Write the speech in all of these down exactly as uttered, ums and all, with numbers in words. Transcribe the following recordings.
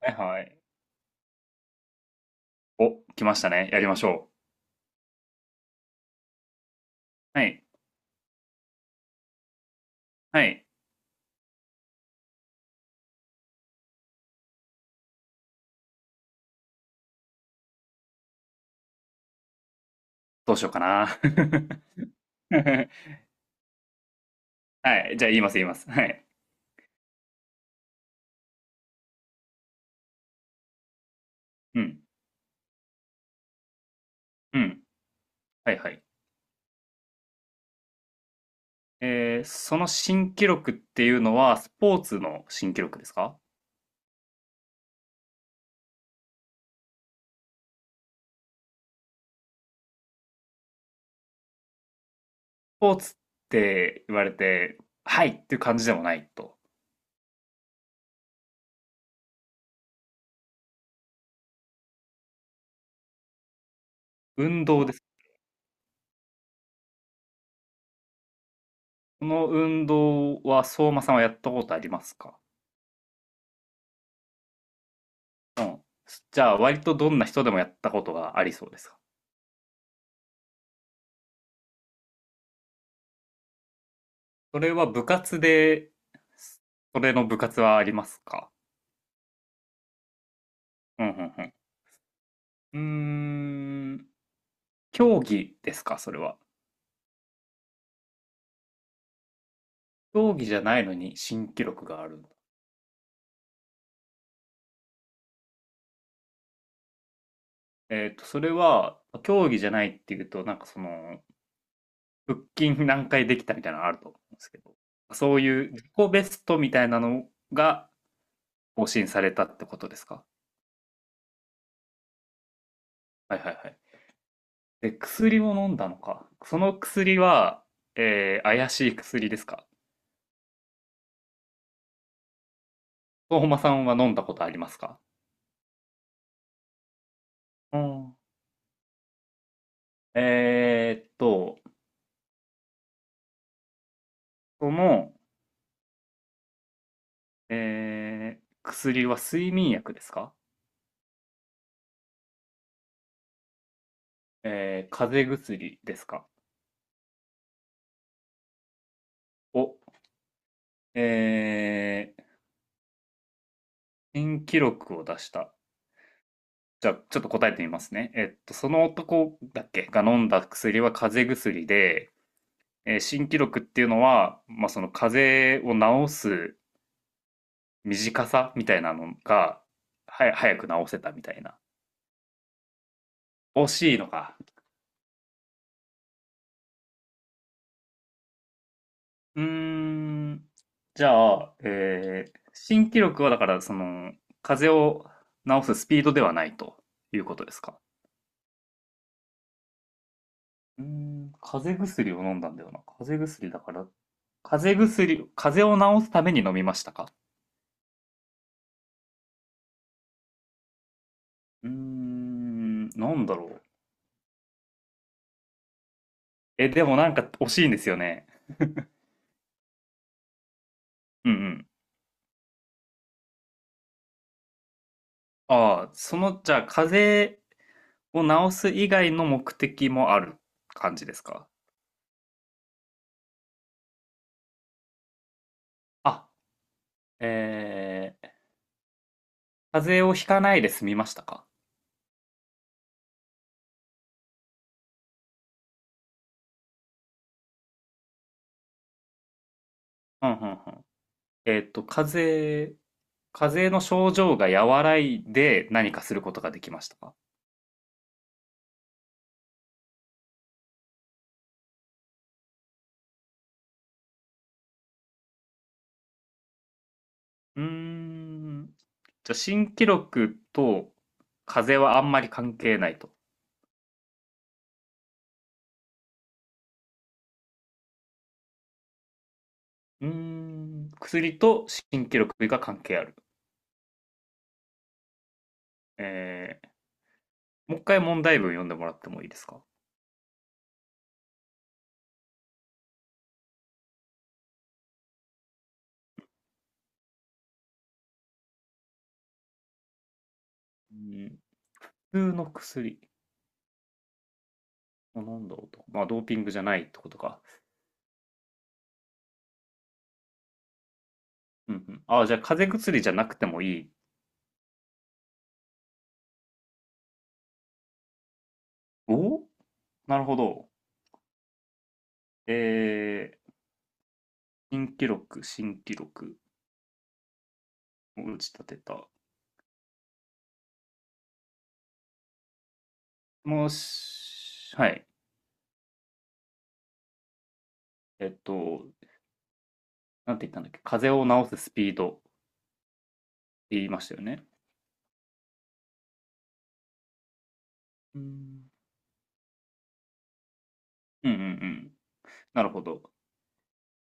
はいはい。お、来ましたね。やりましょう。はい。はい。どうしようかな。はい。じゃあ言います言います。はい。うん。うん。はいはい。えー、その新記録っていうのは、スポーツの新記録ですか？スポーツって言われて、はいっていう感じでもないと。運動です。この運動は、相馬さんはやったことありますか？うん。じゃあ、割とどんな人でもやったことがありそうですか？それは部活で、それの部活はありますか？うんうんうん。うーん、競技ですか、それは。競技じゃないのに新記録があるんだ。えっと、それは、競技じゃないっていうと、なんかその、腹筋何回できたみたいなのあると思うんですけど、そういう自己ベストみたいなのが更新されたってことですか？はいはいはい。で、薬も飲んだのか。その薬は、えー、怪しい薬ですか？相馬さんは飲んだことありますか？うん。えーっと、その、えー、薬は睡眠薬ですか？えー、風邪薬ですか？お、えー、新記録を出した。じゃあ、ちょっと答えてみますね。えっと、その男だっけが飲んだ薬は風邪薬で、えー新記録っていうのは、まあ、その風邪を治す短さみたいなのが、はや、早く治せたみたいな。惜しいのか。うーん。じゃあ、えー新記録はだから、その、風邪を治すスピードではないということですか。うーん、風邪薬を飲んだんだよな。風邪薬だから、風邪薬、風邪を治すために飲みましたか？うーん、なんだろう。え、でもなんか惜しいんですよね。うんうん。ああ、その、じゃあ、風邪を治す以外の目的もある感じですか？あ、えー、風邪をひかないで済みましたか？うんうんうん。えーっと、風邪、風邪の症状が和らいで何かすることができましたか？うーん。じゃあ、新記録と風邪はあんまり関係ないと。うーん。薬と新記録が関係ある。えー、もう一回問題文読んでもらってもいいですか？うん。普通の薬。あなんだろうと。まあ、ドーピングじゃないってことか。うんうん。あじゃあ、風邪薬じゃなくてもいい。おおなるほど。えー、新記録、新記録を打ち立てた。もし、はい。えっと、なんて言ったんだっけ、風邪を治すスピードって言いましたよね。うんうんうんうん。なるほど。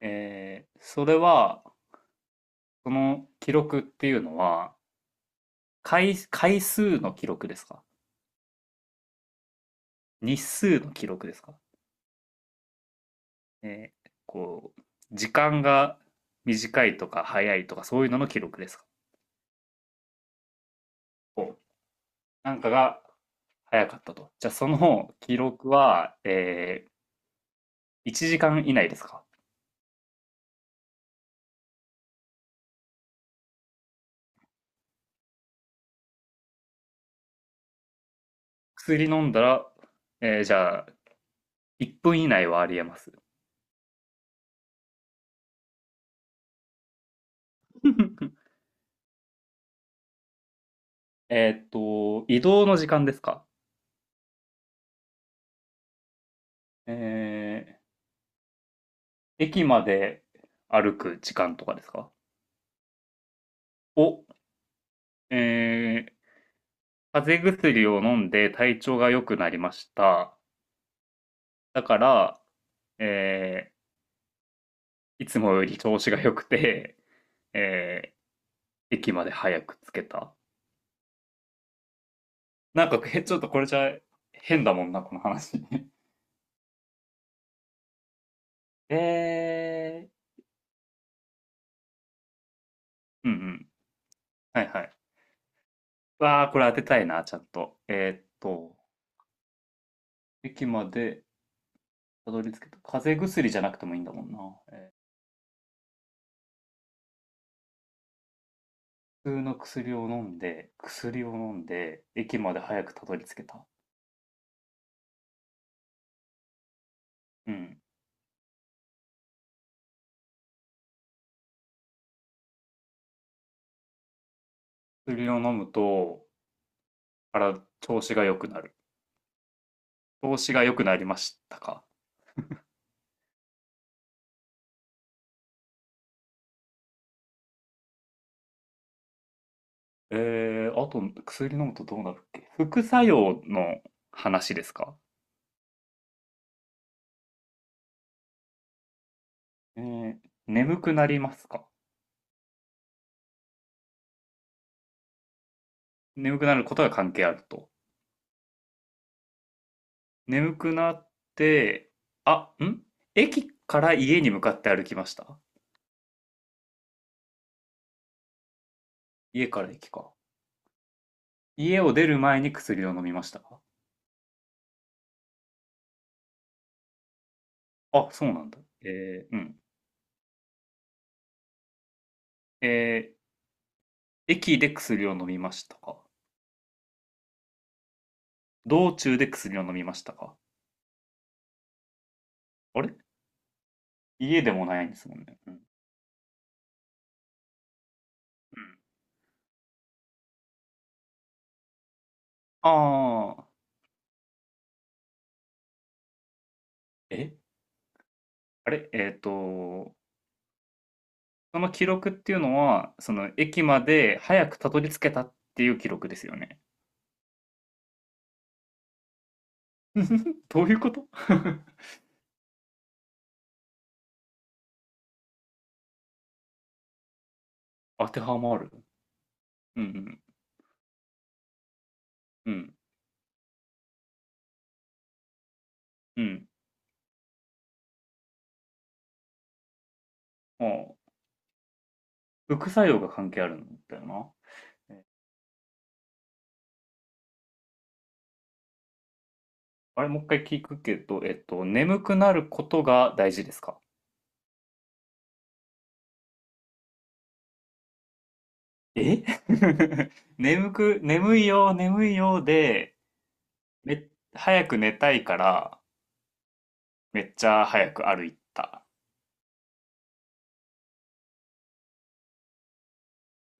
えーそれは、その記録っていうのは、回、回数の記録ですか？日数の記録ですか？えーこう、時間が短いとか早いとかそういうのの記録ですか？こうなんかが早かったと。じゃあその記録は、えーいちじかん以内ですか？薬飲んだら、えーじゃあ、いっぷん以内はありえます。えーっと、移動の時間ですか？えー駅まで歩く時間とかですか？お、えー風邪薬を飲んで体調が良くなりました。だから、えーいつもより調子が良くて、えー駅まで早く着けた。なんか、えちょっとこれじゃ変だもんな、この話。えー、うんうん。はいはい。わあ、これ当てたいな、ちゃんと。えーっと、駅までたどり着けた。風邪薬じゃなくてもいいんだもんな。えー普通の薬を飲んで、薬を飲んで、駅まで早くたどり着けた。うん。薬を飲むと、から調子が良くなる。調子が良くなりましたか。えー、あと、薬飲むとどうなるっけ副作用の話ですか？えー、眠くなりますか？眠くなることが関係あると。眠くなって、あ、ん駅から家に向かって歩きました。家から駅か。家を出る前に薬を飲みましたか？あ、そうなんだ。えー、うん。えー、駅で薬を飲みましたか？道中で薬を飲みましたか？あれ家でもないんですもんね。うん。うん、ああ、えあれえっーと、その記録っていうのは、その駅まで早くたどり着けたっていう記録ですよね。どういうこと 当てはまる。うんうん。うん。うん。ああ。副作用が関係あるんだよな。えあれ、もう一回聞くけど、えっと、眠くなることが大事ですか？え 眠く、眠いよ、眠いよで、め、早く寝たいから、めっちゃ早く歩いた。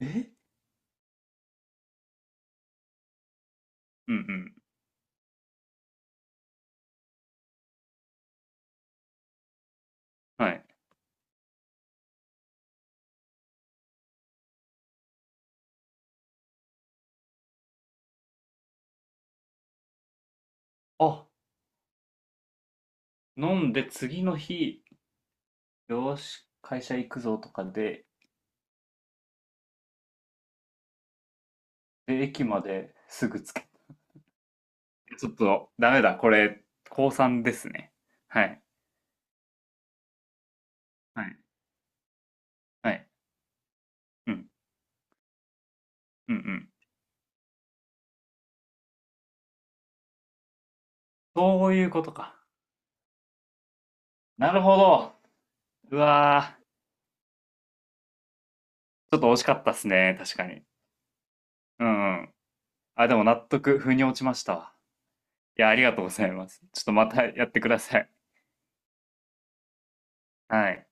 えうんうん。はい。あ、飲んで次の日、よーし、会社行くぞとかで、で、駅まですぐつけ。ちょっと、ダメだ。これ、高こうさんですね。はい。はいはい。うん。うんうん。そういうことか。なるほど。うわー、ちょっと惜しかったっすね、確かに。うんうん。あ、でも納得、腑に落ちましたわ。いや、ありがとうございます。ちょっとまたやってください。はい。